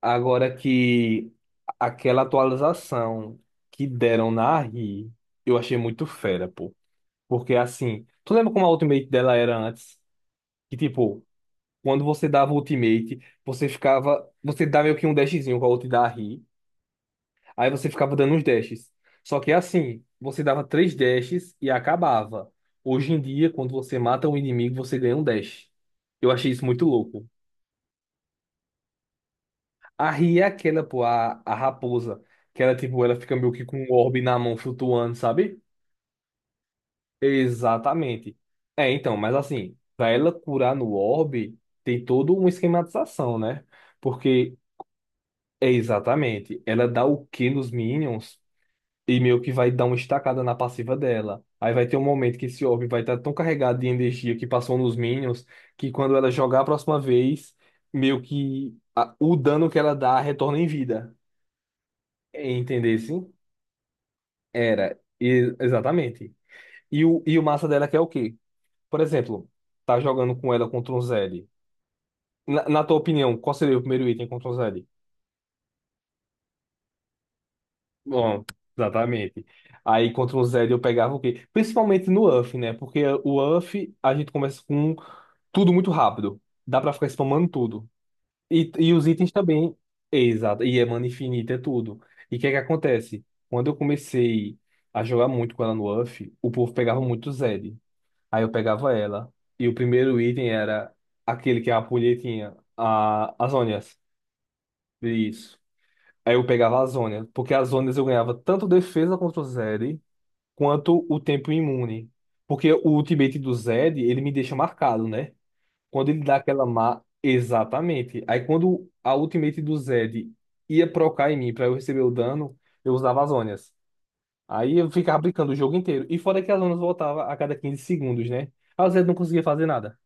Agora que aquela atualização que deram na Ri, eu achei muito fera, pô. Porque assim, tu lembra como a ultimate dela era antes? Que tipo, quando você dava ultimate, você ficava. Você dava meio que um dashzinho com a ult da Ri. Aí você ficava dando uns dashes. Só que assim, você dava três dashes e acabava. Hoje em dia, quando você mata um inimigo, você ganha um dash. Eu achei isso muito louco. A Ria é aquela, pô, a raposa. Que ela, tipo, ela fica meio que com um orbe na mão flutuando, sabe? Exatamente. É, então, mas assim, pra ela curar no orbe, tem toda uma esquematização, né? Porque, é exatamente, ela dá o Q nos minions e meio que vai dar uma estacada na passiva dela. Aí vai ter um momento que esse orbe vai estar tão carregado de energia que passou nos minions, que quando ela jogar a próxima vez, meio que o dano que ela dá retorna em vida. Entender, sim? Era, exatamente. E o massa dela é que é o quê? Por exemplo, tá jogando com ela contra um Zed. Na tua opinião, qual seria o primeiro item contra um Zed? Bom, exatamente. Aí contra um Zed eu pegava o quê? Principalmente no UF, né? Porque o UF a gente começa com tudo muito rápido. Dá pra ficar spamando tudo. E os itens também. Exato. E é mana infinita, é tudo. E o que é que acontece? Quando eu comecei a jogar muito com ela no UF, o povo pegava muito Zed. Aí eu pegava ela. E o primeiro item era aquele que é a punhetinha, as ônias. Isso. Aí eu pegava as ônias, porque as ônias eu ganhava tanto defesa contra o Zed, quanto o tempo imune. Porque o ultimate do Zed, ele me deixa marcado, né? Quando ele dá aquela má. Exatamente. Aí quando a ultimate do Zed ia procar em mim pra eu receber o dano, eu usava as ônias. Aí eu ficava brincando o jogo inteiro. E fora que as ônias voltavam a cada 15 segundos, né? Aí o Zed não conseguia fazer nada.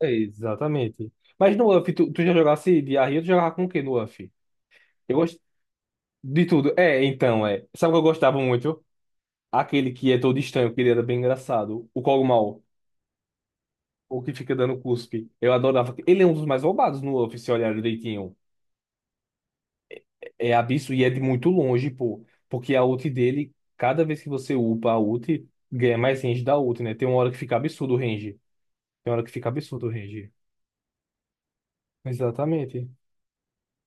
É, exatamente. Mas no UF, tu já jogasse de Arria, tu jogava com o que no UF? Eu gosto de tudo. É, então, é. Sabe o que eu gostava muito? Aquele que é todo estranho, que ele era bem engraçado. O Kog'Maw, o que fica dando cuspe. Eu adorava. Ele é um dos mais roubados no UF, se olhar direitinho. É absurdo e é de muito longe, pô. Porque a ult dele, cada vez que você upa a ult, ganha mais range da ult, né? Tem uma hora que fica absurdo o range. Tem uma hora que fica absurdo o range. Exatamente.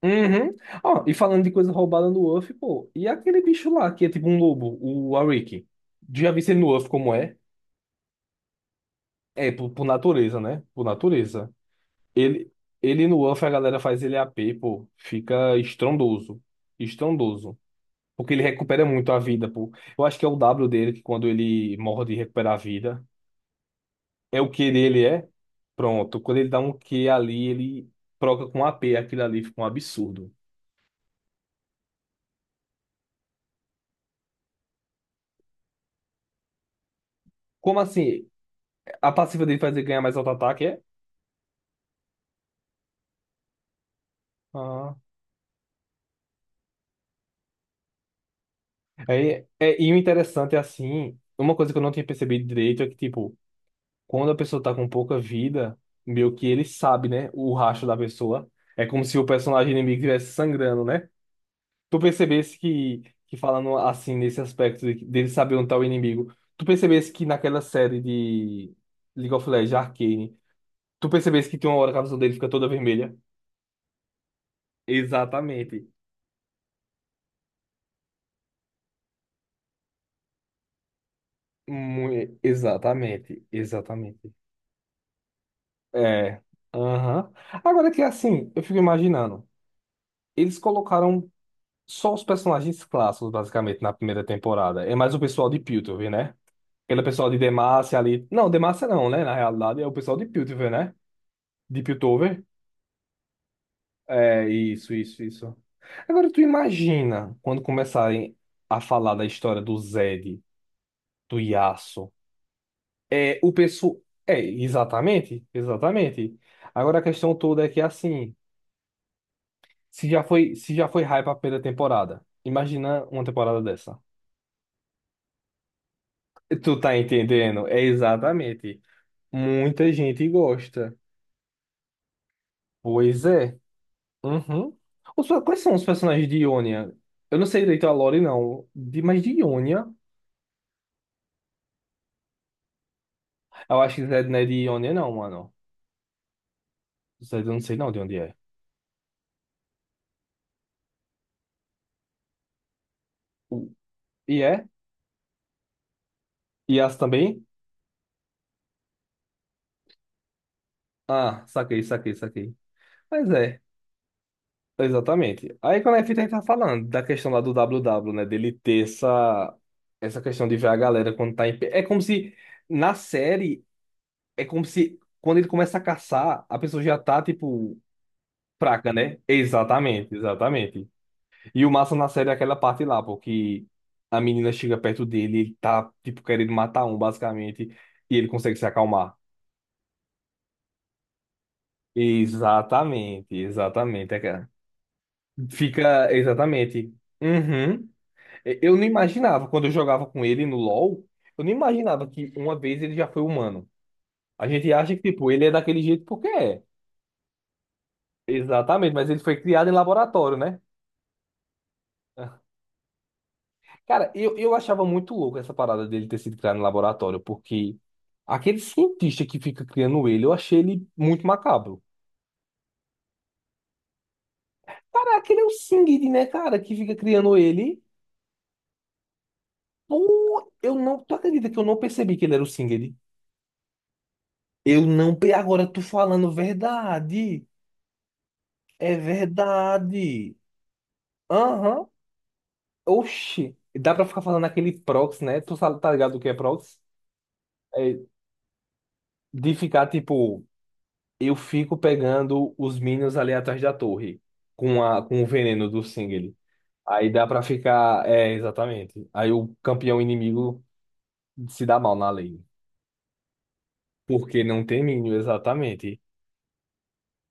Uhum. Ó, e falando de coisa roubada no Luffy, pô, e aquele bicho lá que é tipo um lobo, o Ariki? Já vi ele no Luffy como é? É, por natureza, né? Por natureza. Ele, ele no Luffy, a galera faz ele AP, pô. Fica estrondoso. Estrondoso. Porque ele recupera muito a vida, pô. Eu acho que é o W dele, que quando ele morre de recuperar a vida, é o Q dele, é? Pronto. Quando ele dá um Q ali, ele troca com AP. Aquilo ali fica um absurdo. Como assim? A passiva dele faz ele ganhar mais auto-ataque, é? Ah. Aí, é, e o interessante é assim, uma coisa que eu não tinha percebido direito é que, tipo, quando a pessoa tá com pouca vida, meio que ele sabe, né, o rastro da pessoa. É como se o personagem inimigo estivesse sangrando, né? Tu percebesse que falando assim, nesse aspecto dele saber onde tá o inimigo, tu percebesse que naquela série de League of Legends, Arcane, tu percebesse que tem uma hora que a visão dele fica toda vermelha? Exatamente. Exatamente, exatamente. É. Aham. Agora que assim, eu fico imaginando. Eles colocaram só os personagens clássicos, basicamente, na primeira temporada. É mais o pessoal de Piltover, né? Aquele pessoal de Demacia ali. Não, Demacia não, né? Na realidade, é o pessoal de Piltover, né? De Piltover. É, isso, isso, isso. Agora tu imagina quando começarem a falar da história do Zed, do Yasuo. É, o pessoal. É, exatamente, exatamente. Agora a questão toda é que assim. Se já foi hype a primeira temporada, imagina uma temporada dessa. Tu tá entendendo? É exatamente. Muita gente gosta. Pois é. Uhum. Quais são os personagens de Ionia? Eu não sei direito a lore, não. Mas de Ionia? Eu acho que Zed não é de Ionia, não, mano. Zed eu não sei não de onde é. O- E é? E as também? Ah, saquei, saquei, saquei. Mas é. Exatamente. Aí quando a gente tá falando da questão lá do WW, né? Dele ter essa questão de ver a galera quando tá em pé. É como se na série, é como se quando ele começa a caçar, a pessoa já tá, tipo, fraca, né? Exatamente, exatamente. E o massa na série é aquela parte lá, porque a menina chega perto dele, ele tá, tipo, querendo matar um, basicamente, e ele consegue se acalmar. Exatamente, exatamente. É, cara. Fica, exatamente. Uhum. Eu, não imaginava, quando eu jogava com ele no LoL, eu não imaginava que uma vez ele já foi humano. A gente acha que, tipo, ele é daquele jeito porque é. Exatamente, mas ele foi criado em laboratório, né? Cara, eu achava muito louco essa parada dele ter sido criado em laboratório, porque aquele cientista que fica criando ele, eu achei ele muito macabro. Cara, aquele é o Singed, né, cara, que fica criando ele. Pô, eu não, tu acredita que eu não percebi que ele era o Singed? Eu não, pe- Agora tu falando verdade. É verdade. Aham. Oxi. Dá pra ficar falando aquele proxy, né? Tu sabe, tá ligado o que é proxy? É de ficar, tipo, eu fico pegando os minions ali atrás da torre com o veneno do Singeli. Aí dá pra ficar. É, exatamente. Aí o campeão inimigo se dá mal na lane. Porque não tem minion, exatamente.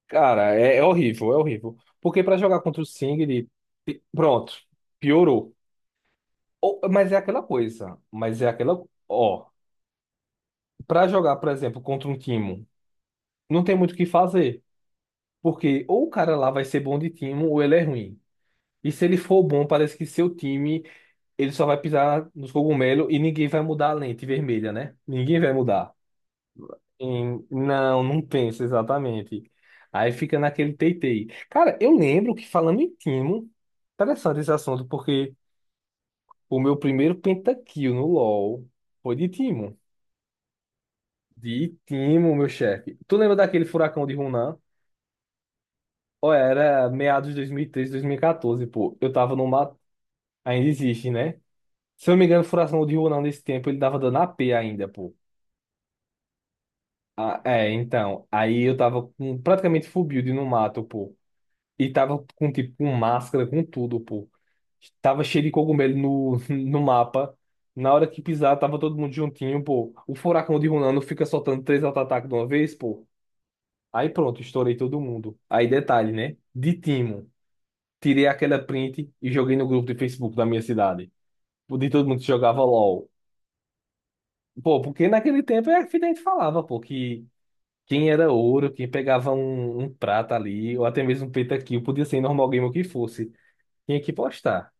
Cara, é horrível, é horrível. Porque pra jogar contra o Singeli, pronto, piorou. Mas é aquela coisa. Mas é aquela. Ó, pra jogar, por exemplo, contra um time, não tem muito o que fazer. Porque ou o cara lá vai ser bom de time ou ele é ruim. E se ele for bom, parece que seu time, ele só vai pisar nos cogumelos e ninguém vai mudar a lente vermelha, né? Ninguém vai mudar. Não, não pensa exatamente. Aí fica naquele teitei. Cara, eu lembro que falando em time, interessante esse assunto, porque o meu primeiro pentakill no LoL foi de Timo. De Timo, meu chefe. Tu lembra daquele furacão de Hunan? Ou era meados de 2013, 2014, pô. Eu tava no mato. Ainda existe, né? Se eu não me engano, o furacão de Hunan nesse tempo, ele tava dando AP ainda, pô. Ah, é, então. Aí eu tava com praticamente full build no mato, pô. E tava com, tipo, com máscara, com tudo, pô. Tava cheio de cogumelo no, no mapa. Na hora que pisar, tava todo mundo juntinho, pô. O furacão de Hunan não fica soltando três auto-ataques de uma vez, pô. Aí pronto, estourei todo mundo. Aí detalhe, né? De timo, tirei aquela print e joguei no grupo de Facebook da minha cidade. De todo mundo que jogava LOL. Pô, porque naquele tempo é que a gente falava, pô, que quem era ouro, quem pegava um prata ali, ou até mesmo um pentakill, podia ser normal game o que fosse. Tinha que postar.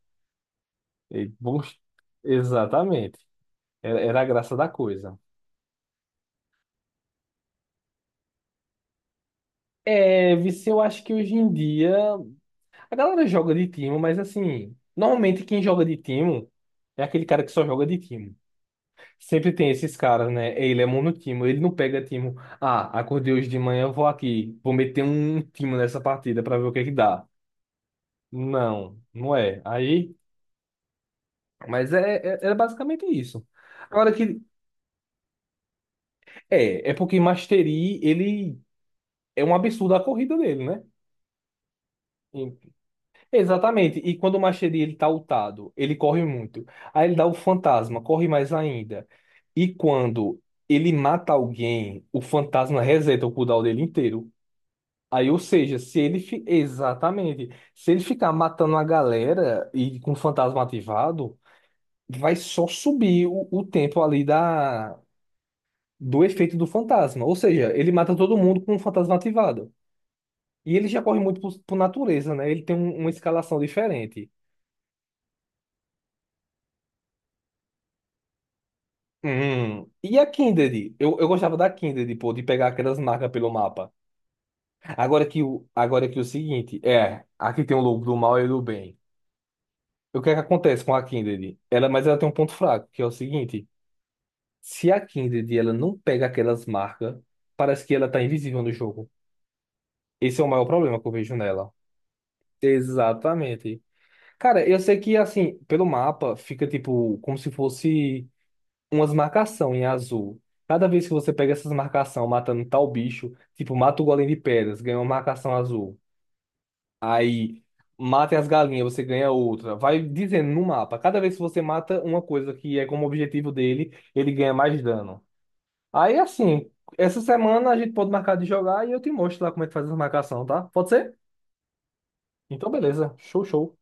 E, post- Exatamente. Era a graça da coisa. É, vice, eu acho que hoje em dia. A galera joga de timo, mas assim, normalmente quem joga de timo é aquele cara que só joga de timo. Sempre tem esses caras, né? Ele é monotimo, ele não pega timo. Ah, acordei hoje de manhã, vou aqui, vou meter um timo nessa partida pra ver o que é que dá. Não, não é. Aí, mas é basicamente isso. Agora que é porque Mastery, ele é um absurdo a corrida dele, né? Exatamente. E quando o Machete ele tá ultado, ele corre muito. Aí ele dá o fantasma, corre mais ainda. E quando ele mata alguém, o fantasma reseta o cooldown dele inteiro. Aí, ou seja, se ele exatamente, se ele ficar matando a galera e com o fantasma ativado, vai só subir o tempo ali da do efeito do fantasma. Ou seja, ele mata todo mundo com o fantasma ativado. E ele já corre muito por natureza, né? Ele tem uma escalação diferente. Hum. E a Kindred? Eu gostava da Kindred, pô, de pegar aquelas marcas pelo mapa. Agora que o seguinte, é, aqui tem o lobo do mal e do bem. O que é que acontece com a Kindred? Ela, mas ela tem um ponto fraco, que é o seguinte, se a Kindred ela não pega aquelas marcas, parece que ela tá invisível no jogo. Esse é o maior problema que eu vejo nela. Exatamente. Cara, eu sei que assim, pelo mapa fica tipo como se fosse umas marcação em azul. Cada vez que você pega essas marcação matando tal bicho, tipo, mata o golem de pedras, ganha uma marcação azul. Aí, mata as galinhas, você ganha outra. Vai dizendo no mapa. Cada vez que você mata uma coisa que é como objetivo dele, ele ganha mais dano. Aí, assim, essa semana a gente pode marcar de jogar e eu te mostro lá como é que faz essa marcação, tá? Pode ser? Então, beleza. Show, show.